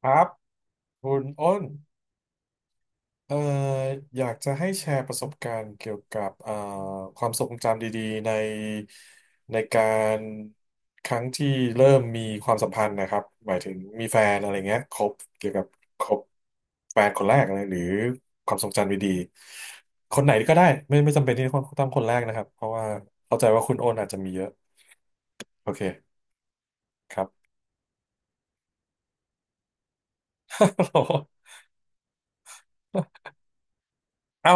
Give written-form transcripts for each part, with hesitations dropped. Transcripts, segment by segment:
ครับคุณอ้นเอ่ออยากจะให้แชร์ประสบการณ์เกี่ยวกับความทรงจำดีๆในการครั้งที่เริ่มมีความสัมพันธ์นะครับหมายถึงมีแฟนอะไรเงี้ยคบเกี่ยวกับคบแฟนคนแรกอะไรหรือความทรงจำดีๆคนไหนก็ได้ไม่จำเป็นที่ต้องคนแรกนะครับเพราะว่าเข้าใจว่าคุณโอนอาจจะมีเยอะโอเคครับ เอ้า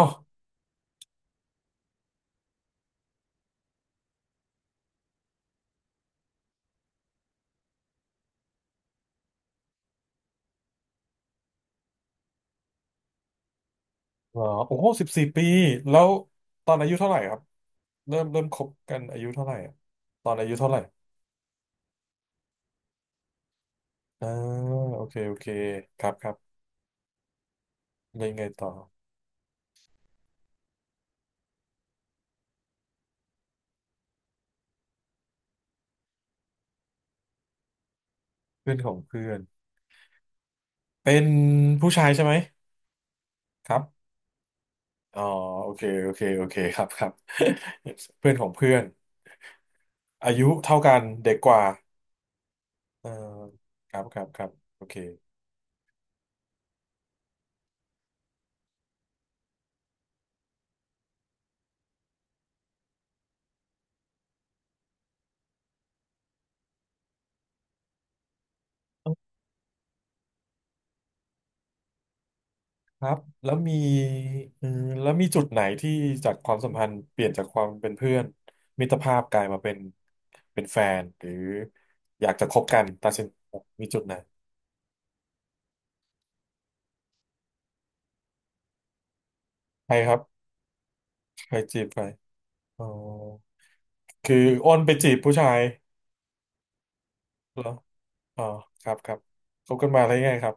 เหรอโอ้โหสิบสี่ปีแล้วตอนอายุเท่าไหร่ครับ เริ่มคบกันอายุเท่าไหร่อะตอนอายุเท่าไหร่อ่าโอเคโอเคครับครับแล้วยังไงต่อเพื่อนของเพื่อน เป็นผู้ชายใช่ไหมครับอ๋อโอเคโอเคโอเคครับครับ เพื่อนของเพื่อน อายุเท่ากันเด็กกว่าเอ่อครับครับครับโอเค ครับแล้วมีเออแล้วมีจุดไหนที่จากความสัมพันธ์เปลี่ยนจากความเป็นเพื่อนมิตรภาพกลายมาเป็นเป็นแฟนหรืออยากจะคบกันตัดสินมีจุดไหนใครครับใครจีบใครอ๋อคืออ้นไปจีบผู้ชายเหรออ๋อครับครับคบกันมาได้ไงครับ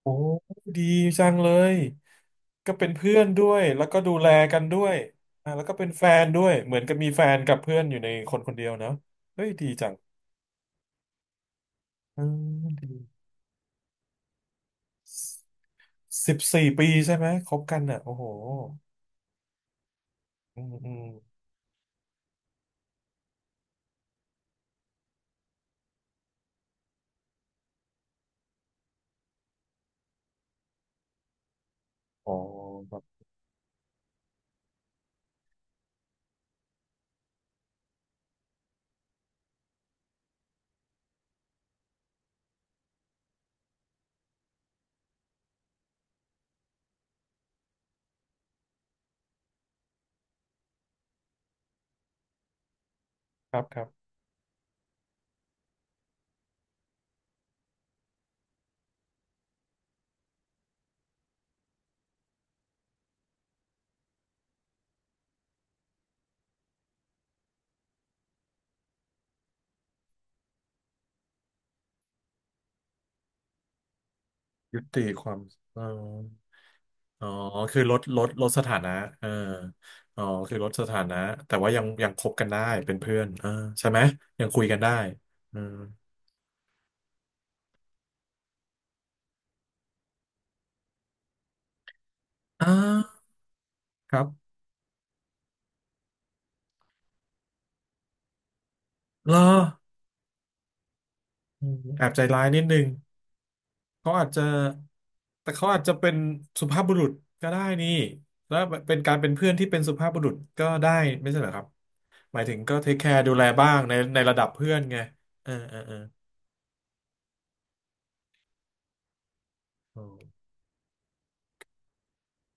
โอ้ดีจังเลยก็เป็นเพื่อนด้วยแล้วก็ดูแลกันด้วยอ่าแล้วก็เป็นแฟนด้วยเหมือนกับมีแฟนกับเพื่อนอยู่ในคนคนเดียวเนอะเฮ้ยดีจัง เออดีสิบสี่ปีใช่ไหมคบกันอ่ะโอ้โหอืมอืมอ๋อคบบครับครับยุติความเอออ๋อคือลดสถานะเอออ๋อคือลดสถานะแต่ว่ายังคบกันได้เป็นเพื่อนเออใช่ไหมยังคุยกันได้อืมอ่าครับเหรออืมแอบใจร้ายนิดนึง เขาอาจจะแต่เขาอาจจะเป็นสุภาพบุรุษก็ได้นี่แล้วเป็นการเป็นเพื่อนที่เป็นสุภาพบุรุษก็ได้ไม่ใช่เหรอครับหมายถึงก็เทคแคร์ดูแลบ้างในในระดับเพื่อนไงเออเออเออเออ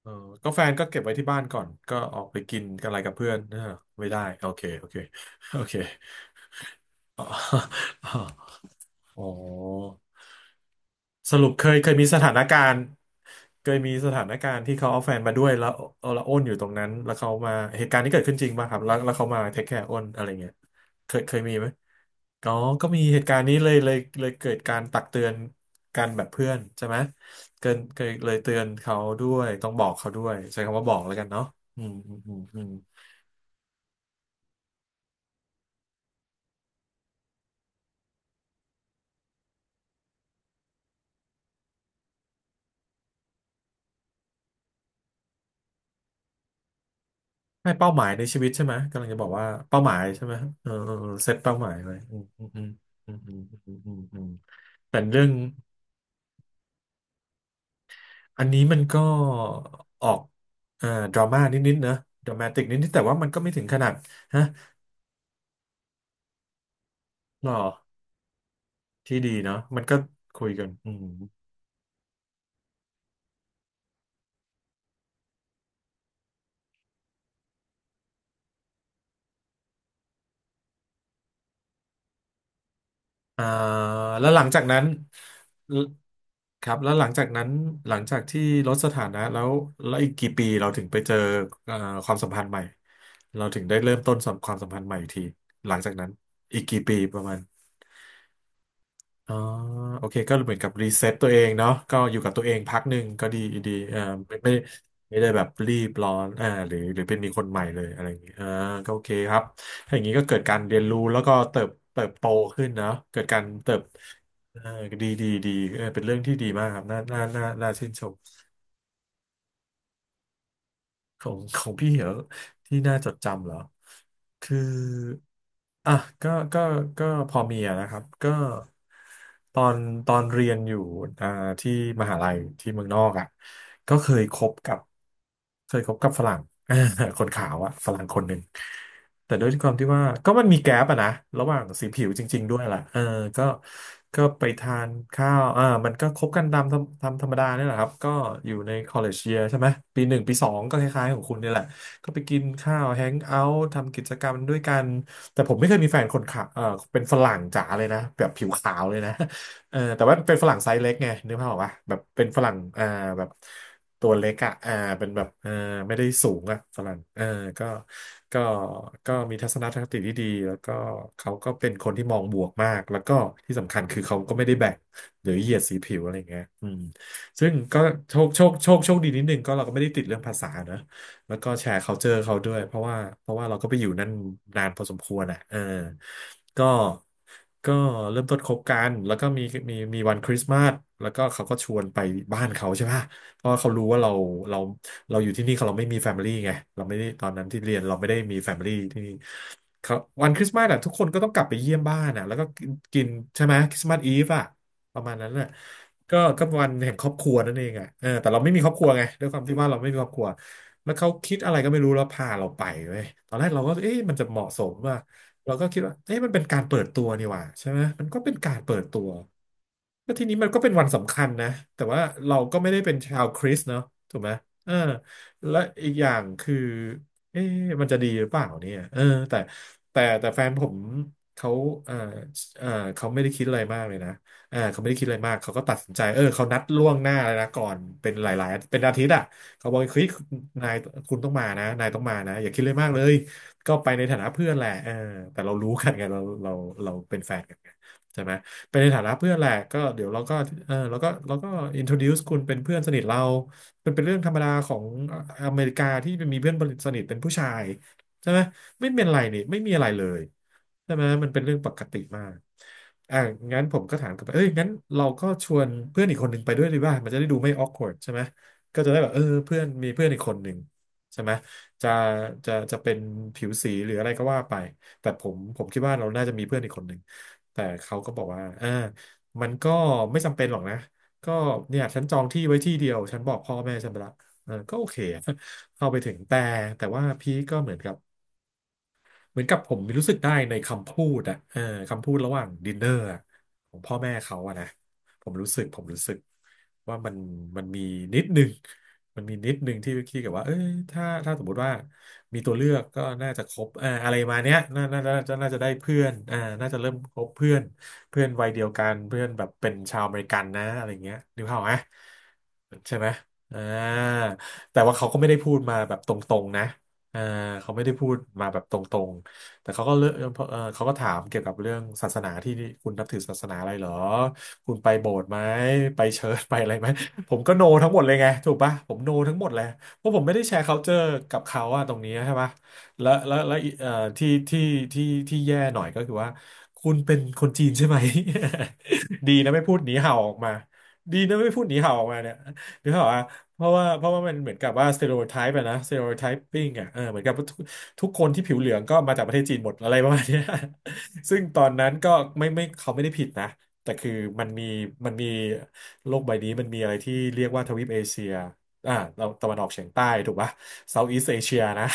เออก็แฟนก็เก็บไว้ที่บ้านก่อน ก็ออกไปกินกันอะไรกับเพื่อนเออไม่ได้โอเคโอเคโอเค อ๋ออ๋อ สรุปเคยมีสถานการณ์เคยมีสถานการณ์ที่เขาเอาแฟนมาด้วยแล้วเอาละอ้นอยู่ตรงนั้นแล้วเขามาเหตุการณ์ที่เกิดขึ้นจริงป่ะครับแล้วแล้วเขามาเทคแคร์อ้นอะไรเงี้ยเคยมีไหมก็ก็มีเหตุการณ์นี้เลยเกิดการตักเตือนกันแบบเพื่อนใช่ไหมเกินเคยเลยเตือนเขาด้วยต้องบอกเขาด้วยใช้คำว่าบอกแล้วกันเนาะอืมอืมอืมอืมให้เป้าหมายในชีวิตใช่ไหมกำลังจะบอกว่าเป้าหมายใช่ไหมเออเออเออเซตเป้าหมายไว้อืมอืมอืมอืมอืมอืมอืมอืมเป็นเรื่อง อันนี้มันก็ออกอ่อดราม่านิดๆนะดรามาติกนิดๆแต่ว่ามันก็ไม่ถึงขนาดฮะหรอที่ดีเนาะมันก็คุยกันอืมอ่าแล้วหลังจากนั้นลครับแล้วหลังจากนั้นหลังจากที่ลดสถานะแล้วแล้วอีกกี่ปีเราถึงไปเจออ่อความสัมพันธ์ใหม่เราถึงได้เริ่มต้นความสัมพันธ์ใหม่อีกทีหลังจากนั้นอีกกี่ปีประมาณ อ๋อโอเคก็เหมือนกับรีเซ็ตตัวเองเนาะก็อยู่กับตัวเองพักหนึ่งก็ดีดีไม่ไม่ไม่ได้แบบรีบร้อนอ่าหรือหรือเป็นมีคนใหม่เลยอะไรอย่างนี้อ่าก็โอเคครับถ้าอย่างนี้ก็เกิดการเรียนรู้แล้วก็เติบโตขึ้นเนาะเกิดการเติบเออดีดีดีเออเป็นเรื่องที่ดีมากครับน่าชื่นชม ของ ของพี่เหรอที่น่าจดจำเหรอคืออ่ะก็ก็ก็พอมีอะนะครับก็ตอนตอนเรียนอยู่อ่าที่มหาลัยที่เมืองนอกอ่ะก็เคยคบกับเคยคบกับฝรั่ง คนขาวอ่ะฝรั่งคนหนึ่ง แต่ด้วยความที่ว่าก็มันมีแกลบอะนะระหว่างสีผิวจริงๆด้วยแหละเออก็ก็ไปทานข้าวอ่ามันก็คบกันตามตามธรรมดาเนี่ยแหละครับก็อยู่ใน college year ใช่ไหมปีหนึ่งปีสองก็คล้ายๆของคุณเนี่ยแหละก็ไปกินข้าวแฮงเอาท์ทำกิจกรรมด้วยกันแต่ผมไม่เคยมีแฟนคนขาวเออเป็นฝรั่งจ๋าเลยนะแบบผิวขาวเลยนะ แต่ว่าเป็นฝรั่งไซส์เล็กไงนึกภาพออกปะแบบเป็นฝรั่งแบบตัวเล็กอ่ะอ่าเป็นแบบไม่ได้สูงอ่ะฝรั่งก็ก็ก็มีทัศนคติที่ดีแล้วก็เขาก็เป็นคนที่มองบวกมากแล้วก็ที่สำคัญคือเขาก็ไม่ได้แบ่งหรือเหยียดสีผิวอะไรอย่างเงี้ยซึ่งก็โชคดีนิดนึงก็เราก็ไม่ได้ติดเรื่องภาษานะ แล้วก็แชร์ culture เขาด้วยเพราะว่าเราก็ไปอยู่นั่นนานพอสมควรอ่ะก็ก็เริ่มต้นคบกันแล้วก็มีวันคริสต์มาสแล้วก็เขาก็ชวนไปบ้านเขาใช่ปะเพราะว่าเขารู้ว่าเราเราอยู่ที่นี่เขาเราไม่มีแฟมิลี่ไงเราไม่ได้ตอนนั้นที่เรียนเราไม่ได้มีแฟมิลี่ที่นี่ เขาวันคริสต์มาสอะทุกคนก็ต้องกลับไปเยี่ยมบ้านอะแล้วก็กินใช่ไหมคริสต์มาสอีฟอะประมาณนั้นน่ะก็วันแห่งครอบครัวนั่นเองอะแต่เราไม่มีครอบครัวไงด้วยความที่ว่าเราไม่มีครอบครัวแล้วเขาคิดอะไรก็ไม่รู้แล้วพาเราไปเว้ยตอนแรกเราก็เอ๊ะมันจะเหมาะสมว่าเราก็คิดว่าเอ๊ะมันเป็นการเปิดตัวนี่หว่าใช่ไหมมันก็เป็นการเปิดตัว ก็ทีนี้มันก็เป็นวันสำคัญนะแต่ว่าเราก็ไม่ได้เป็นชาวคริสต์เนาะถูกไหมเออและอีกอย่างคือเอ๊ะมันจะดีหรือเปล่าเนี่ยแต่แฟนผมเขาเออเออเขาไม่ได้คิดอะไรมากเลยนะเขาไม่ได้คิดอะไรมากเขาก็ตัดสินใจเขานัดล่วงหน้าเลยนะก่อนเป็นหลายๆเป็นอาทิตย์อ่ะเขาบอกเฮ้ยนายคุณต้องมานะนายต้องมานะอย่าคิดเลยมากเลยก็ไปในฐานะเพื่อนแหละแต่เรารู้กันไงเราเป็นแฟนกันไงใช่ไหม เป็นในฐานะเพื่อนแหละก็เดี๋ยวเราก็เราก็ introduce คุณเป็นเพื่อนสนิทเรามันเป็นเรื่องธรรมดาของอเมริกาที่มีเพื่อนสนิทเป็นผู้ชายใช่ไหมไม่เป็นไรนี่ไม่มีอะไรเลยใช่ไหมมันเป็นเรื่องปกติมากอ่ะงั้นผมก็ถามกลับไปเอ้ยงั้นเราก็ชวนเพื่อนอีกคนหนึ่งไปด้วยดีว่ามันจะได้ดูไม่ awkward ใช่ไหมก็จะได้แบบเพื่อนมีเพื่อนอีกคนหนึ่งใช่ไหมจะจะเป็นผิวสีหรืออะไรก็ว่าไป แต่ผมคิดว่าเราน่าจะมีเพื่อนอีกคนหนึ่ง แต่เขาก็บอกว่ามันก็ไม่จำเป็นหรอกนะ ก็เนี่ยฉันจองที่ไว้ที่เดียว ฉันบอกพ่อแม่ฉันไปละก็โอเคอะเข้าไปถึงแต่ แต่ว่าพี่ก็เหมือนกับ เหมือนกับผมรู้สึกได้ในคำพูดอะคำพูดระหว่างดินเนอร์อะของพ่อแม่เขาอะนะผมรู้สึกว่ามันมันมีนิดนึงมันมีนิดนึงที่คิดกับว่าถ้าสมมติว่ามีตัวเลือกก็น่าจะคบเอ่าอะไรมาเนี้ยน่าจะได้เพื่อนน่าจะเริ่มคบเพื่อนเพื่อนวัยเดียวกันเพื่อนแบบเป็นชาวอเมริกันนะอะไรเงี้ยนึกภาพไหมใช่ไหมอ่าแต่ว่าเขาก็ไม่ได้พูดมาแบบตรงๆนะเออเขาไม่ได้พูดมาแบบตรงๆ แต่เขาก็เลือกเขาก็ถามเกี่ยวกับเรื่องศาสนาที่คุณนับถือศาสนาอะไรเหรอคุณไปโบสถ์ไหมไปเชิญไปอะไรไหมผมก็โนทั้งหมดเลยไงถูกปะผมโนทั้งหมดเลยเพราะผมไม่ได้แชร์ culture กับเขาอะตรงนี้ใช่ปะแล้วที่ที่ที่ที่แย่หน่อยก็คือว่าคุณเป็นคนจีนใช่ไหม ดีนะไม่พูดหนีเห่าออกมาดีนะไม่พูดหนีเห่าออกมาเนี่ยหรือเปล่าอะเพราะว่ามันเหมือนกับว่า s t e r e o t y e อะนะ stereotyping อะเหมือนกับ ทุกคนที่ผิวเหลืองก็มาจากประเทศจีนหมดอะไรประมาณเนี้ย ซึ่งตอนนั้นก็ไม่ไม่เขาไม่ได้ผิดนะแต่คือมันมีมันมีโลกใบนี้มันมีอะไรที่เรียกว่าทวีปเอเชียเราตะวันออกเฉียงใต้ถูกปะ South East Asia นะ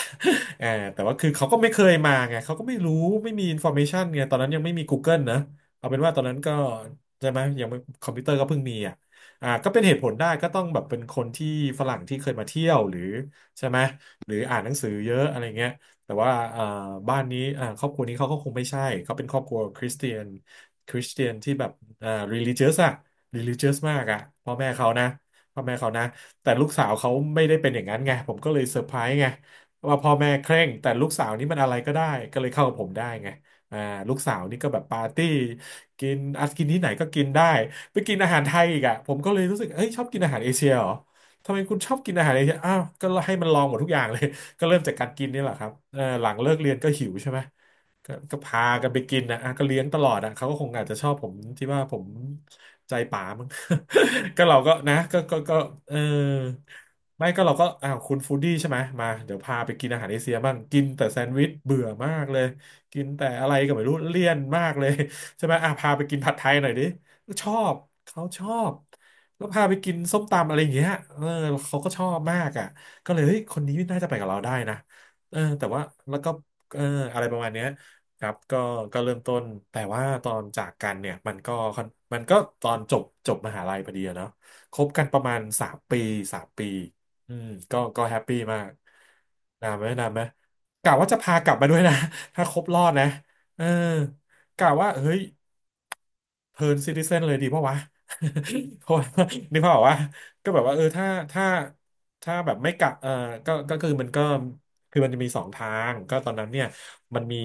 เออแต่ว่าคือเขาก็ไม่เคยมาไงเขาก็ไม่รู้ไม่มี information ไงตอนนั้นยังไม่มี Google นะเอาเป็นว่าตอนนั้นก็ใช่ไหมยังไม่คอมพิวเตอร์ก็เพิ่งมีอ่ะก็เป็นเหตุผลได้ก็ต้องแบบเป็นคนที่ฝรั่งที่เคยมาเที่ยวหรือใช่ไหมหรืออ่านหนังสือเยอะอะไรเงี้ย แต่ว่าบ้านนี้ครอบครัวนี้เขาก็คงไม่ใช่เขาเป็นครอบครัวคริสเตียนคริสเตียนที่แบบreligious อะ religious มากอะพ่อแม่เขานะพ่อแม่เขานะแต่ลูกสาวเขาไม่ได้เป็นอย่างนั้นไงผมก็เลยเซอร์ไพรส์ไงว่าพ่อแม่เคร่งแต่ลูกสาวนี่มันอะไรก็ได้ก็เลยเข้ากับผมได้ไงอ่าลูกสาวนี่ก็แบบปาร์ตี้กินอัดกินที่ไหนก็กินได้ไปกินอาหารไทยอีกอะผมก็เลยรู้สึกเอ้ยชอบกินอาหารเอเชียเหรอทำไมคุณชอบกินอาหารเอเชียอ้าวก็ให้มันลองหมดทุกอย่างเลย ก็เริ่มจากการกินนี่แหละครับเออหลังเลิกเรียนก็หิวใช่ไหม ก็พากันไปกินนะอ่ะก็เลี้ยงตลอดอ่ะเขาก็คงอาจจะชอบผมที่ว่าผมใจป๋ามั้ง ก็เราก็นะก็เออไม่ก็เราก็อ้าวคุณฟู้ดดี้ใช่ไหมมาเดี๋ยวพาไปกินอาหารเอเชียบ้างกินแต่แซนด์วิชเบื่อมากเลยกินแต่อะไรก็ไม่รู้เลี่ยนมากเลยใช่ไหมอ่ะพาไปกินผัดไทยหน่อยดิชอบเขาชอบแล้วพาไปกินส้มตำอะไรอย่างเงี้ยเออเขาก็ชอบมากอ่ะก็เลยเฮ้ยคนนี้น่าจะไปกับเราได้นะเออแต่ว่าแล้วก็เอออะไรประมาณเนี้ย ครับก็ก็เริ่มต้นแต่ว่าตอนจากกันเนี่ยมันก็ค่อนมันก็ตอนจบมหาลัยพอดีอะเนาะคบกันประมาณสามปีสามปีอืมก็แฮปปี้มากนานไหมนานไหมกะว่าจะพากลับมาด้วยนะ ถ้าครบรอดนะเออกะว่าเฮ้ย เทิร์นซิติเซนเลยดีเพราะวะ เพราะว่านึกภาพออกว่าก็แบบว่าเออถ้าถ้าแบบไม่กะเออก็คือมันก็คือมันจะมีสองทางก็ตอนนั้นเนี่ยมันมี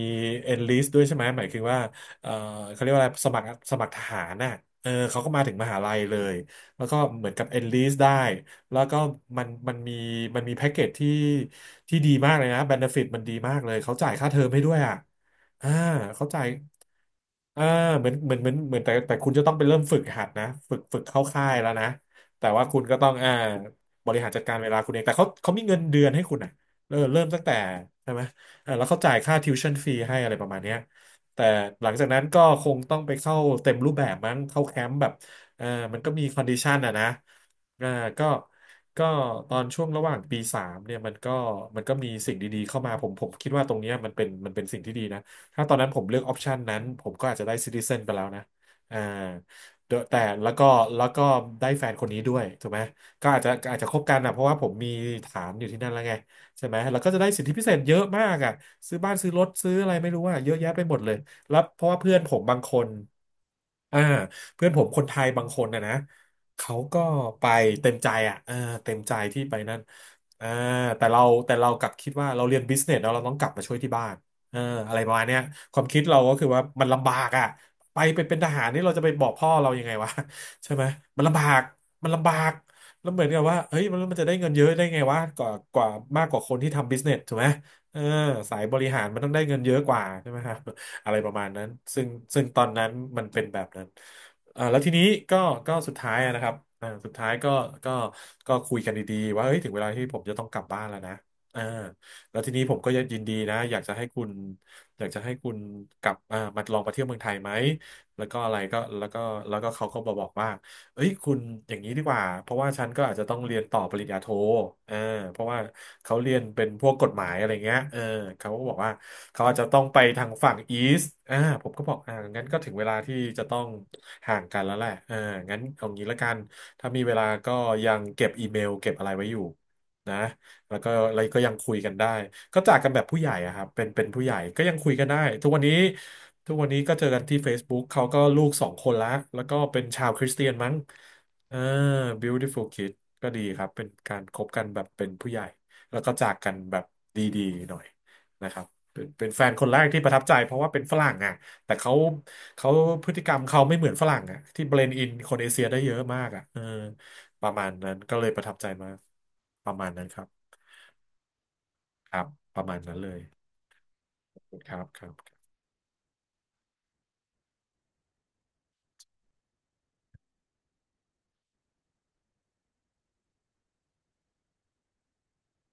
enlist ด้วยใช่ไหมหมายคือว่าเออเขาเรียกว่าอะไรสมัครสมัครทหารน่ะเออเขาก็มาถึงมหาลัยเลยแล้วก็เหมือนกับ enlist ได้แล้วก็มันมีมันมีแพ็กเกจที่ที่ดีมากเลยนะ benefit มันดีมากเลยเขาจ่ายค่าเทอมให้ด้วยอ่ะอ่าเขาจ่าย อ่าเหมือนเหมือนเหมือนเหมือนแต่คุณจะต้องไปเริ่มฝึกหัดนะฝึกเข้าค่ายแล้วนะแต่ว่าคุณก็ต้องบริหารจัดการเวลาคุณเองแต่เขามีเงินเดือนให้คุณอ่ะเออเริ่มตั้งแต่ใช่ไหมเออแล้วเขาจ่ายค่า tuition-free ให้อะไรประมาณเนี้ยแต่หลังจากนั้นก็คงต้องไปเข้าเต็มรูปแบบมั้งเข้าแคมป์แบบเออมันก็มีคอนดิชันอ่ะนะอ่าก็ก็ตอนช่วงระหว่างปีสามเนี่ยมันก็มันก็มีสิ่งดีๆเข้ามาผมคิดว่าตรงเนี้ยมันเป็นสิ่งที่ดีนะ ถ้าตอนนั้นผมเลือกออปชันนั้นผมก็อาจจะได้ซิติเซนไปแล้วนะอ่าเดอะแต่แล้วก็แล้วก็ได้แฟนคนนี้ด้วยถูกไหมก็อาจจะคบกันนะเพราะว่าผมมีฐานอยู่ที่นั่นแล้วไงใช่ไหมแล้วก็จะได้สิทธิพิเศษเยอะมากอ่ะซื้อบ้านซื้อรถซื้ออะไรไม่รู้อ่ะเยอะแยะไปหมดเลยแล้วเพราะว่าเพื่อนผมบางคนอ่าเพื่อนผมคนไทยบางคนนะเขาก็ไปเต็มใจอ่ะเออเต็มใจที่ไปนั่นอ่าแต่เราแต่เรากลับคิดว่าเราเรียนบิสเนสแล้วเราต้องกลับมาช่วยที่บ้าน เอออะไรประมาณเนี้ยความคิดเราก็คือว่ามันลำบากอ่ะไปเป็นเป็นทหารนี่เราจะไปบอกพ่อเรายังไงวะ ใช่ไหมมันลำบากมันลำบากแล้วเหมือนกับว่าเฮ้ยมันจะได้เงินเยอะได้ไงวะกว่ามากกว่าคนที่ทำบิสเนสถูกไหมเออสายบริหารมันต้องได้เงินเยอะกว่าใช่ไหม ครับ อะไรประมาณนั้นซึ่งซึ่งตอนนั้นมันเป็นแบบนั้นเอ่าแล้วทีนี้ก็ก็สุดท้ายอะนะครับอ่าสุดท้ายก็ก็ก็คุยกันดีๆว่าเฮ้ยถึงเวลาที่ผมจะต้องกลับบ้านแล้วนะเออ แล้วทีนี้ผมก็ยินดีนะอยากจะให้คุณอยากจะให้คุณกลับอ่ามาลองมาเที่ยวเมืองไทยไหมแล้วก็อะไรก็แล้วก็เขาก็มาบอกว่าเอ้ยคุณอย่างนี้ดีกว่าเพราะว่าฉันก็อาจจะต้องเรียนต่อปริญญาโทเออเพราะว่าเขาเรียนเป็นพวกกฎหมายอะไรเงี้ยเออเขาก็บอกว่าเขาอาจจะต้องไปทางฝั่งอีสต์อ่าผมก็บอกอ่างั้นก็ถึงเวลาที่จะต้องห่างกันแล้วแหละเอองั้นเอางี้ละกันถ้ามีเวลาก็ยังเก็บอีเมลเก็บอะไรไว้อยู่นะ แล้วก็อะไรก็ยังคุยกันได้ก็จากกันแบบผู้ใหญ่อะครับเป็นเป็นผู้ใหญ่ก็ยังคุยกันได้ทุกวันนี้ทุกวันนี้ก็เจอกันที่ Facebook เขาก็ลูกสองคนละแล้วก็เป็นชาวคริสเตียนมั้งอ่า beautiful kid ก็ดีครับเป็นการคบกันแบบเป็นผู้ใหญ่แล้วก็จากกันแบบดีๆหน่อยนะครับเป็นเป็นแฟนคนแรกที่ประทับใจเพราะว่าเป็นฝรั่งอ่ะแต่เขาเขาพฤติกรรมเขาไม่เหมือนฝรั่งอ่ะที่เบลนด์อินคนเอเชียได้เยอะมากอ่ะเออประมาณนั้นก็เลยประทับใจมากประมาณนั้นครับ ครับประมาณนั้นเลยครับครับ